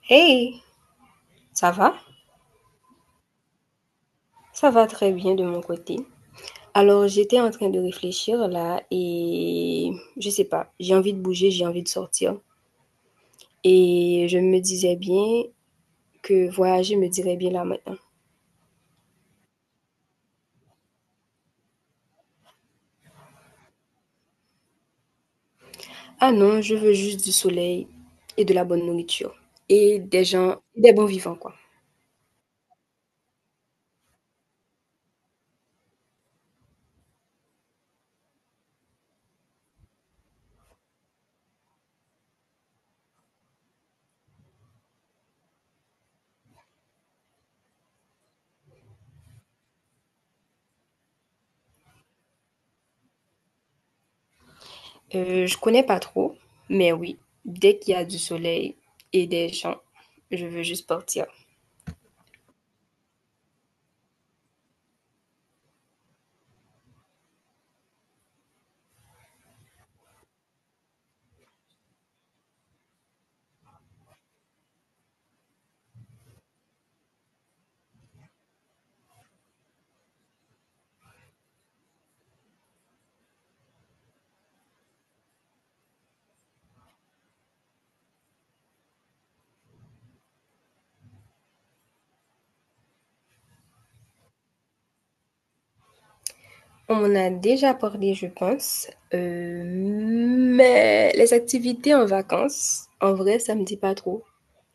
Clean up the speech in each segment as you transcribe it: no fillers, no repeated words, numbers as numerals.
Hey, ça va? Ça va très bien de mon côté. Alors, j'étais en train de réfléchir là et je sais pas, j'ai envie de bouger, j'ai envie de sortir. Et je me disais bien que voyager me dirait bien là maintenant. Ah non, je veux juste du soleil et de la bonne nourriture et des gens, des bons vivants quoi. Je connais pas trop, mais oui, dès qu'il y a du soleil et des gens, je veux juste partir. On en a déjà parlé, je pense, mais les activités en vacances, en vrai, ça me dit pas trop.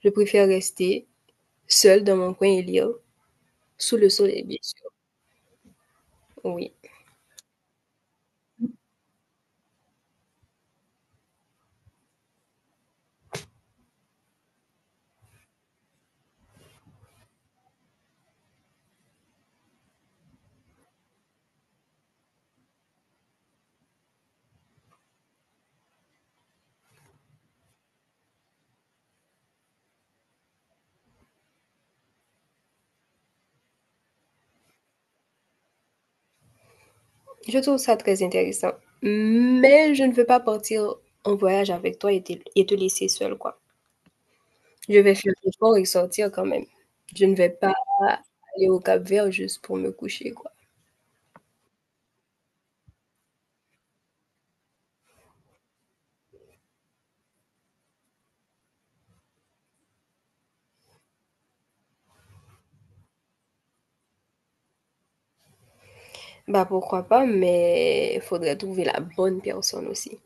Je préfère rester seule dans mon coin et lire, sous le soleil, bien sûr, oui. Je trouve ça très intéressant, mais je ne veux pas partir en voyage avec toi et te laisser seule, quoi. Je vais faire l'effort et sortir quand même. Je ne vais pas aller au Cap-Vert juste pour me coucher, quoi. Bah, pourquoi pas, mais il faudrait trouver la bonne personne aussi.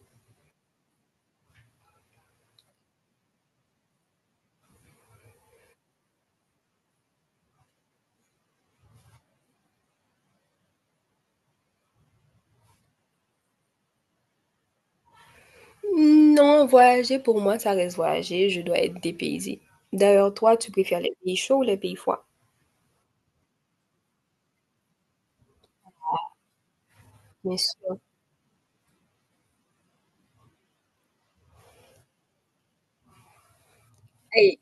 Non, voyager pour moi, ça reste voyager. Je dois être dépaysée. D'ailleurs, toi, tu préfères les pays chauds ou les pays froids? Bien sûr. Hey,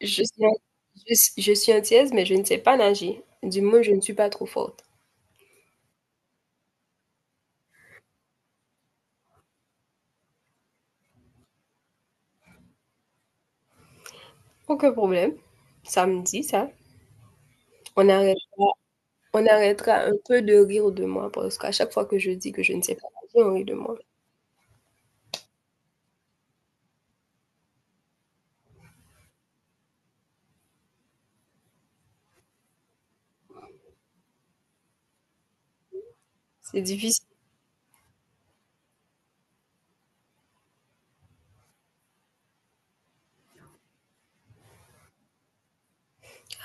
je suis, un- je suis antillaise, mais je ne sais pas nager. Du moins, je ne suis pas trop forte. Aucun problème. Ça me dit ça. On arrêtera, on arrêtera un peu de rire de moi parce qu'à chaque fois que je dis que je ne sais pas nager, on rit de moi. C'est difficile.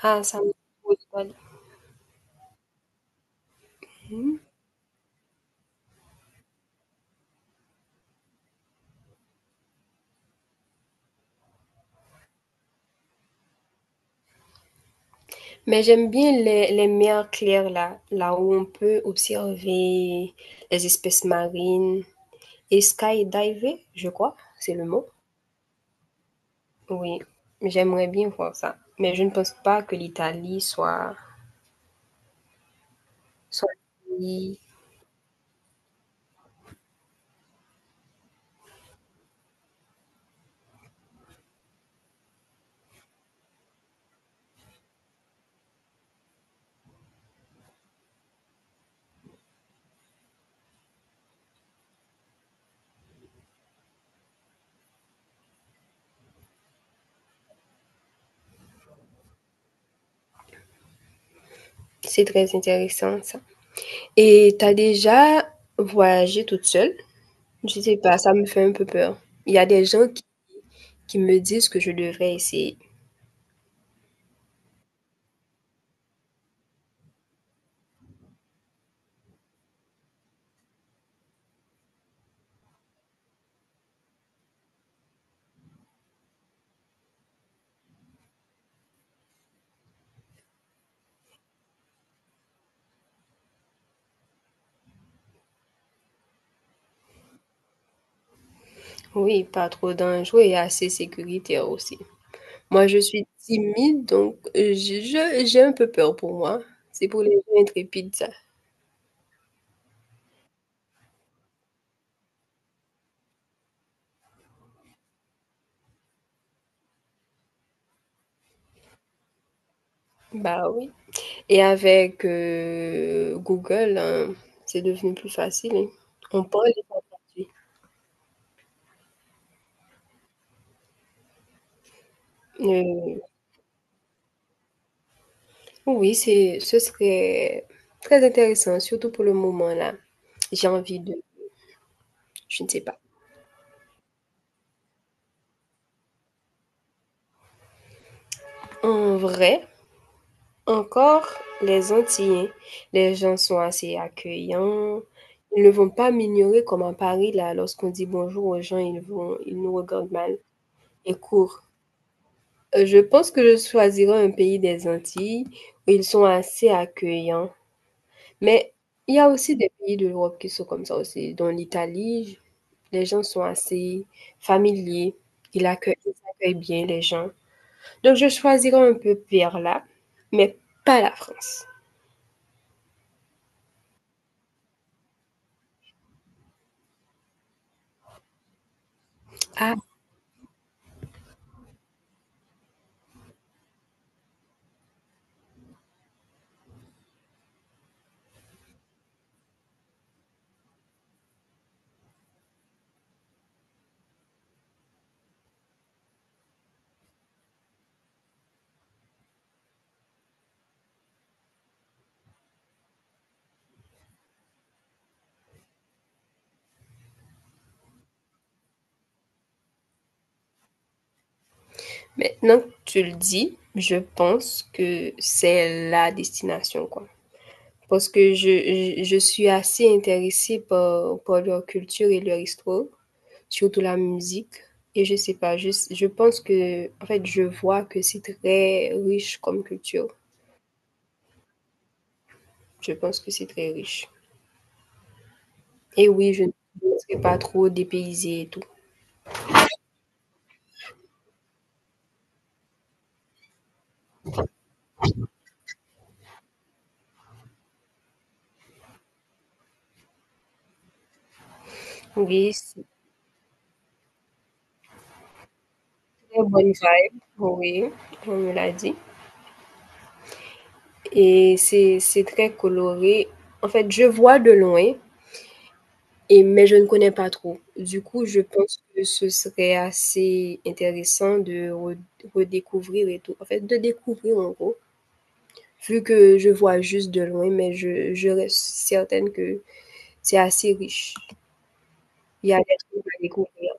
Ah, ça me pose mal. Hmm. Mais j'aime bien les mers claires là où on peut observer les espèces marines et skydiver, je crois, c'est le mot. Oui, j'aimerais bien voir ça. Mais je ne pense pas que l'Italie soit un pays. C'est très intéressant ça. Et t'as déjà voyagé toute seule? Je sais pas, ça me fait un peu peur. Il y a des gens qui me disent que je devrais essayer. Oui, pas trop dangereux et assez sécuritaire aussi. Moi, je suis timide, donc je j'ai un peu peur pour moi. C'est pour les gens intrépides, ça. Bah, oui et avec, Google, hein, c'est devenu plus facile, hein. On parle et ça traduit. Heu, oui, c'est ce serait très intéressant, surtout pour le moment, là. J'ai envie de je ne sais pas. En vrai. Encore, les Antillais, les gens sont assez accueillants. Ils ne vont pas m'ignorer comme à Paris, là, lorsqu'on dit bonjour aux gens, ils nous regardent mal et courent. Je pense que je choisirais un pays des Antilles où ils sont assez accueillants. Mais il y a aussi des pays de l'Europe qui sont comme ça aussi, dont l'Italie. Les gens sont assez familiers. Ils accueillent bien les gens. Donc, je choisirais un peu vers là, mais pas la France. Maintenant que tu le dis, je pense que c'est la destination, quoi. Parce que je suis assez intéressée par leur culture et leur histoire, surtout la musique. Et je sais pas, je pense que, en fait, je vois que c'est très riche comme culture. Je pense que c'est très riche. Et oui, je ne serai pas trop dépaysée et tout. Oui, c'est très bonne vibe. Oui, on me l'a dit. Et c'est très coloré. En fait, je vois de loin. Et mais je ne connais pas trop. Du coup, je pense que ce serait assez intéressant de re redécouvrir et tout. En fait, de découvrir en gros, vu que je vois juste de loin, mais je reste certaine que c'est assez riche. Il y a des trucs à découvrir.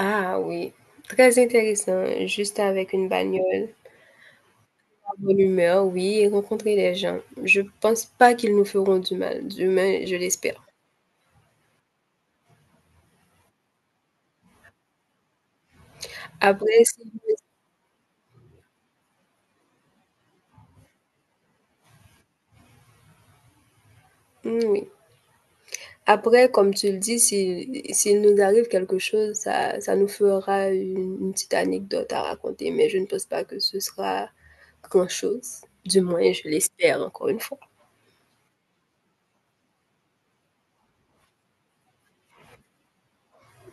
Ah oui, très intéressant, juste avec une bagnole, la bonne humeur, oui, et rencontrer les gens. Je pense pas qu'ils nous feront du mal, du moins je l'espère. Après si mmh, oui. Après, comme tu le dis, si s'il nous arrive quelque chose, ça nous fera une petite anecdote à raconter, mais je ne pense pas que ce sera grand-chose. Du moins, je l'espère encore une fois.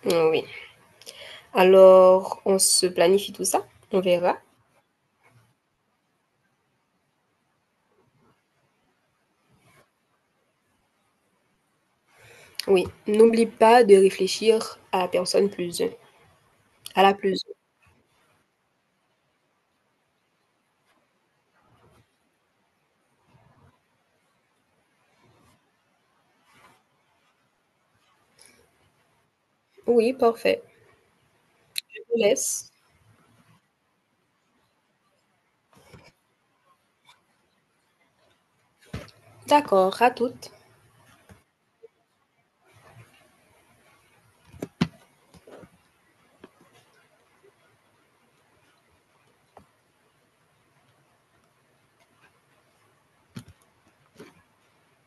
Mmh, oui. Alors, on se planifie tout ça, on verra. Oui, n'oublie pas de réfléchir à la personne plus 1, à la plus 1. Oui, parfait. Je te laisse. D'accord, à toutes.